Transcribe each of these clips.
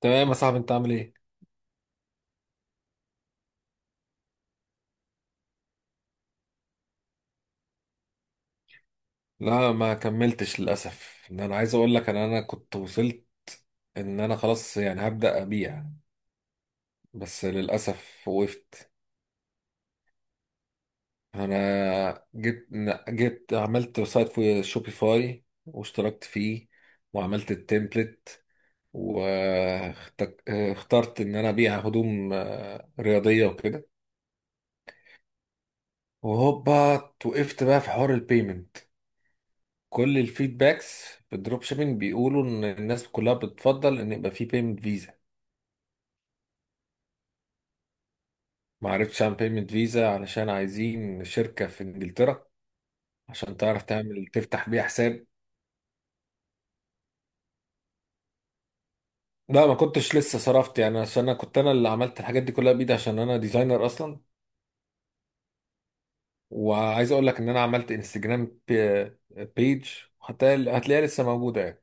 تمام يا صاحبي، انت عامل ايه؟ لا ما كملتش للاسف. انا عايز اقول لك ان انا كنت وصلت ان انا خلاص، هبدا ابيع. بس للاسف وقفت. انا جبت عملت سايت في شوبيفاي واشتركت فيه، وعملت التمبلت، واخترت ان انا ابيع هدوم رياضيه وكده. وهوبا وقفت بقى في حوار البيمنت. كل الفيدباكس في الدروب شيبينج بيقولوا ان الناس كلها بتفضل ان يبقى في بيمنت فيزا. ما عرفتش اعمل بيمنت فيزا علشان عايزين شركة في انجلترا عشان تعرف تعمل تفتح بيها حساب. لا ما كنتش لسه صرفت، يعني عشان انا كنت انا اللي عملت الحاجات دي كلها بايدي عشان انا ديزاينر اصلا. وعايز اقول لك ان انا عملت انستجرام بيج، حتى هتلاقيها لسه موجودة يعني،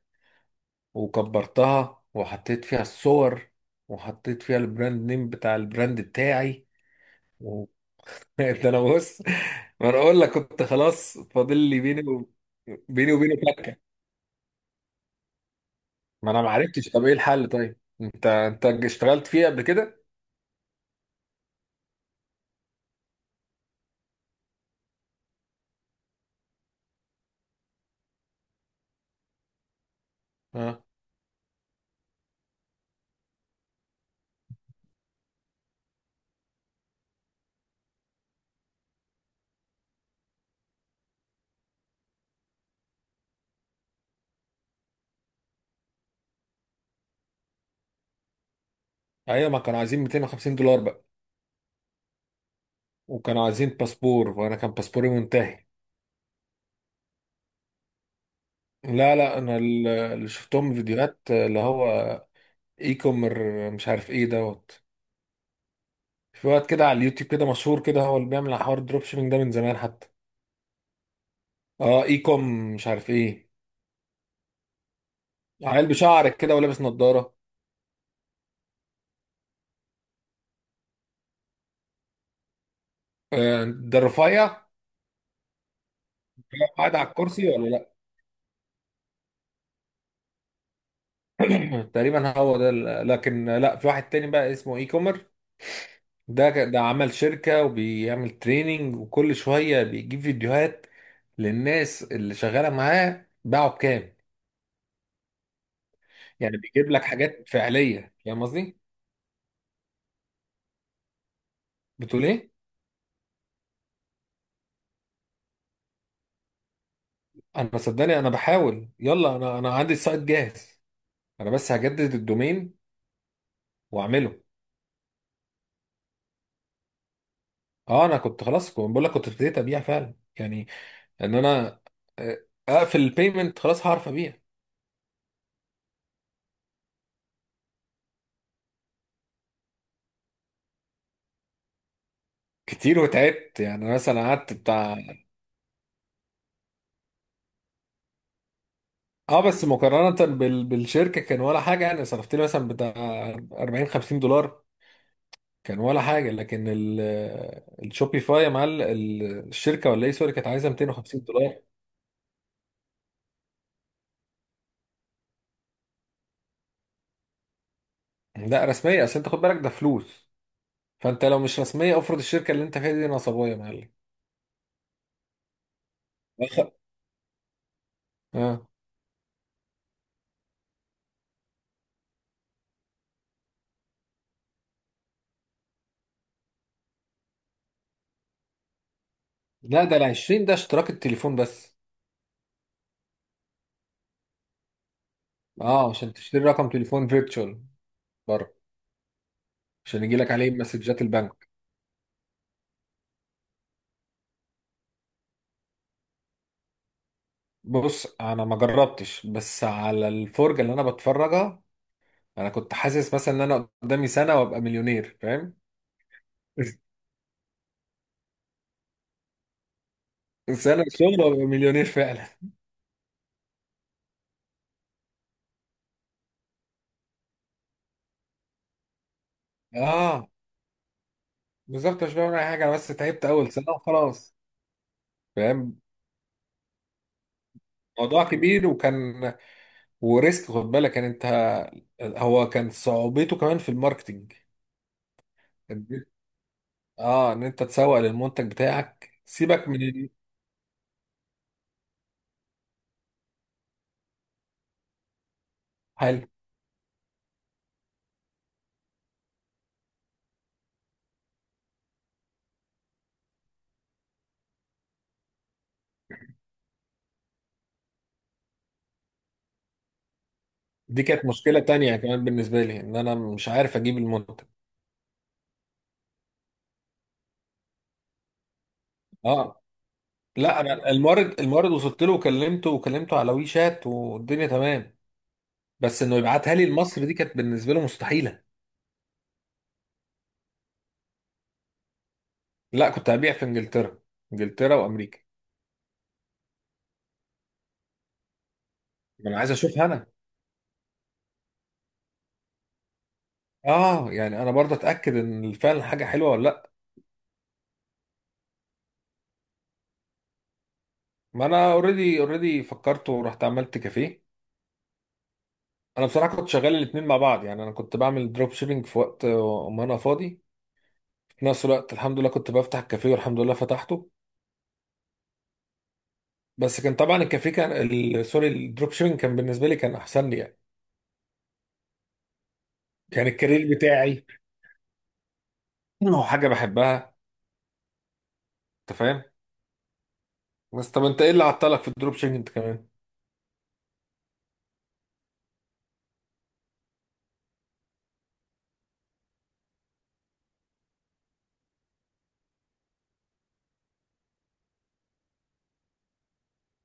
وكبرتها وحطيت فيها الصور، وحطيت فيها البراند نيم بتاع البراند بتاعي. ده انا بص، ما انا اقول لك كنت خلاص فاضل لي بيني وبينه فكه. ما انا ما عرفتش، طب ايه الحل؟ طيب انت اشتغلت فيه قبل كده؟ اه ايوه، ما كانوا عايزين 250 دولار بقى، وكانوا عايزين باسبور وانا كان باسبوري منتهي. لا لا، انا اللي شفتهم فيديوهات اللي هو اي كومر مش عارف ايه دوت، في وقت كده على اليوتيوب كده مشهور كده، هو اللي بيعمل حوار الدروب شيبينج ده من زمان حتى. اه اي كوم مش عارف ايه. عيل بشعرك كده ولابس نظاره؟ ده الرفيع، قاعد على الكرسي ولا لا؟ تقريبا هو ده. لكن لا، في واحد تاني بقى اسمه اي كومر، ده عمل شركة وبيعمل تريننج، وكل شوية بيجيب فيديوهات للناس اللي شغالة معاه باعوا بكام. يعني بيجيب لك حاجات فعلية، فاهم قصدي؟ بتقول ايه؟ انا صدقني انا بحاول، يلا انا عندي السايت جاهز، انا بس هجدد الدومين واعمله. اه انا كنت خلاص، كنت بقول لك كنت ابتديت ابيع فعلا يعني. ان انا آه، اقفل البيمنت خلاص هعرف ابيع. كتير وتعبت يعني، مثلا قعدت بتاع. اه بس مقارنة بالشركة كان ولا حاجة، يعني صرفت لي مثلا بتاع 40 50 دولار كان ولا حاجة. لكن الشوبيفاي يا معلم الشركة ولا ايه، سوري، كانت عايزة 250 دولار. لا رسمية، اصل انت خد بالك ده فلوس، فانت لو مش رسمية افرض الشركة اللي انت فيها دي نصابية يا معلم. أخ- اه لا، ده ال 20 ده اشتراك التليفون بس. اه عشان تشتري رقم تليفون فيرتشوال بره، عشان يجي لك عليه مسجات البنك. بص انا ما جربتش، بس على الفرجه اللي انا بتفرجها انا كنت حاسس مثلا ان انا قدامي سنه وابقى مليونير، فاهم؟ سنه شغل وابقى مليونير فعلا. اه بالظبط، مش بعمل اي حاجه، انا بس تعبت اول سنه وخلاص. فاهم؟ موضوع كبير، وكان وريسك، خد بالك يعني انت. هو كان صعوبته كمان في الماركتينج. اه ان انت تسوق للمنتج بتاعك، سيبك حلو. دي كانت مشكله تانية كمان بالنسبه لي، ان انا مش عارف اجيب المنتج. اه لا، انا المورد وصلت له وكلمته، وكلمته على وي شات والدنيا تمام، بس انه يبعتها لي لمصر دي كانت بالنسبه له مستحيله. لا كنت هبيع في انجلترا، انجلترا وامريكا. ما انا عايز اشوفها انا. اه يعني انا برضه اتاكد ان فعلا حاجه حلوه ولا لا. ما انا اوريدي اوريدي، فكرت ورحت عملت كافيه. انا بصراحه كنت شغال الاثنين مع بعض، يعني انا كنت بعمل دروب شيبينج في وقت ما انا فاضي، في نفس الوقت الحمد لله كنت بفتح الكافيه والحمد لله فتحته. بس كان طبعا الكافيه كان سوري، الدروب شيبينج كان بالنسبه لي كان احسن لي يعني. كان الكارير بتاعي، انه حاجه بحبها، انت فاهم؟ بس طب انت ايه اللي عطلك في الدروب شيبنج انت كمان؟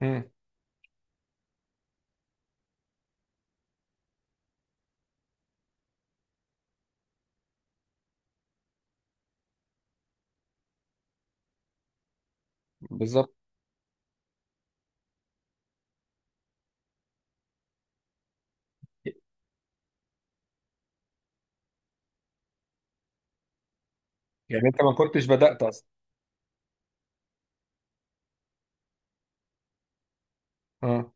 امم، بالظبط. يعني انت ما كنتش بدأت اصلا. اه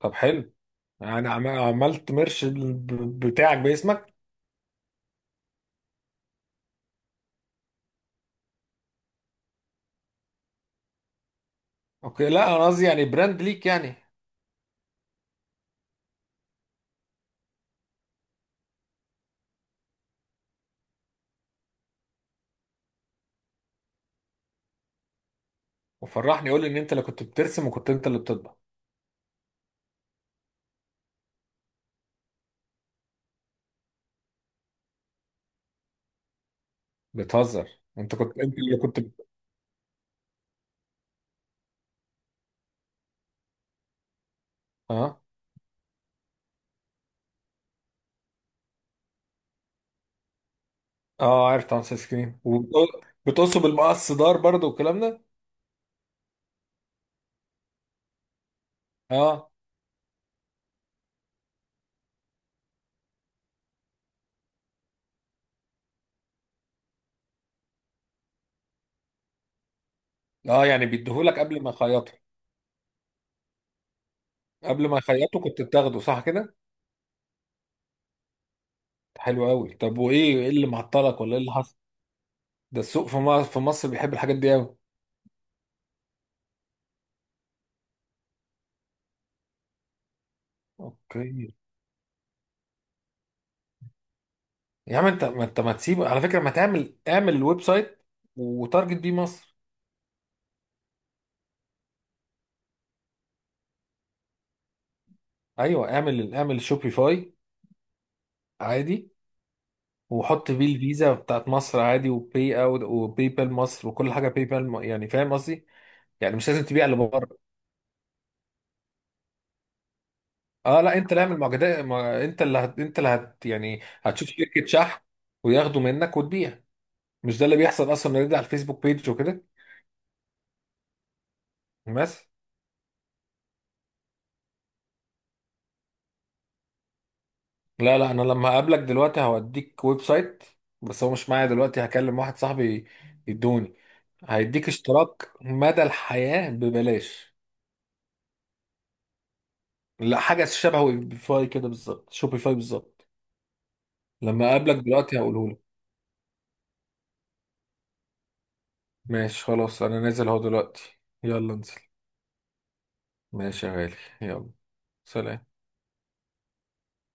طب حلو. يعني عملت مرش بتاعك باسمك؟ اوكي، لا انا قصدي يعني براند ليك يعني. وفرحني، قول لي ان انت اللي كنت بترسم وكنت انت اللي بتطبع. بتهزر، انت كنت انت اللي اه. اه عارف طبعا، سكرين سكرين، وبتقصه بالمقص دار برضه والكلام ده. اه اه يعني بيديهولك قبل ما يخيطه، قبل ما يخيطوا كنت بتاخده، صح كده؟ حلو قوي. طب وايه، ايه اللي معطلك ولا ايه اللي حصل؟ ده السوق في مصر، في مصر بيحب الحاجات دي قوي. اوكي، يا عم انت، ما انت ما تسيب، على فكره ما تعمل، اعمل الويب سايت وتارجت بيه مصر. ايوه، اعمل اعمل شوبيفاي عادي، وحط بيه الفيزا بتاعت مصر عادي، وباي اوت وباي بال مصر وكل حاجه باي بال يعني فاهم قصدي؟ يعني مش لازم تبيع لبره. اه لا، انت اللي اعمل معجزات، انت اللي انت اللي هت، يعني هتشوف شركه شحن وياخدوا منك وتبيع، مش ده اللي بيحصل اصلا؟ نرجع على الفيسبوك بيج وكده بس. لا لا، انا لما هقابلك دلوقتي هوديك ويب سايت، بس هو مش معايا دلوقتي، هكلم واحد صاحبي يدوني. هيديك اشتراك مدى الحياة ببلاش. لا حاجة شبه ويبيفاي كده بالظبط، شوبيفاي بالظبط. لما اقابلك دلوقتي هقوله لك. ماشي خلاص، انا نازل اهو دلوقتي. يلا انزل. ماشي يا غالي. يلا. سلام.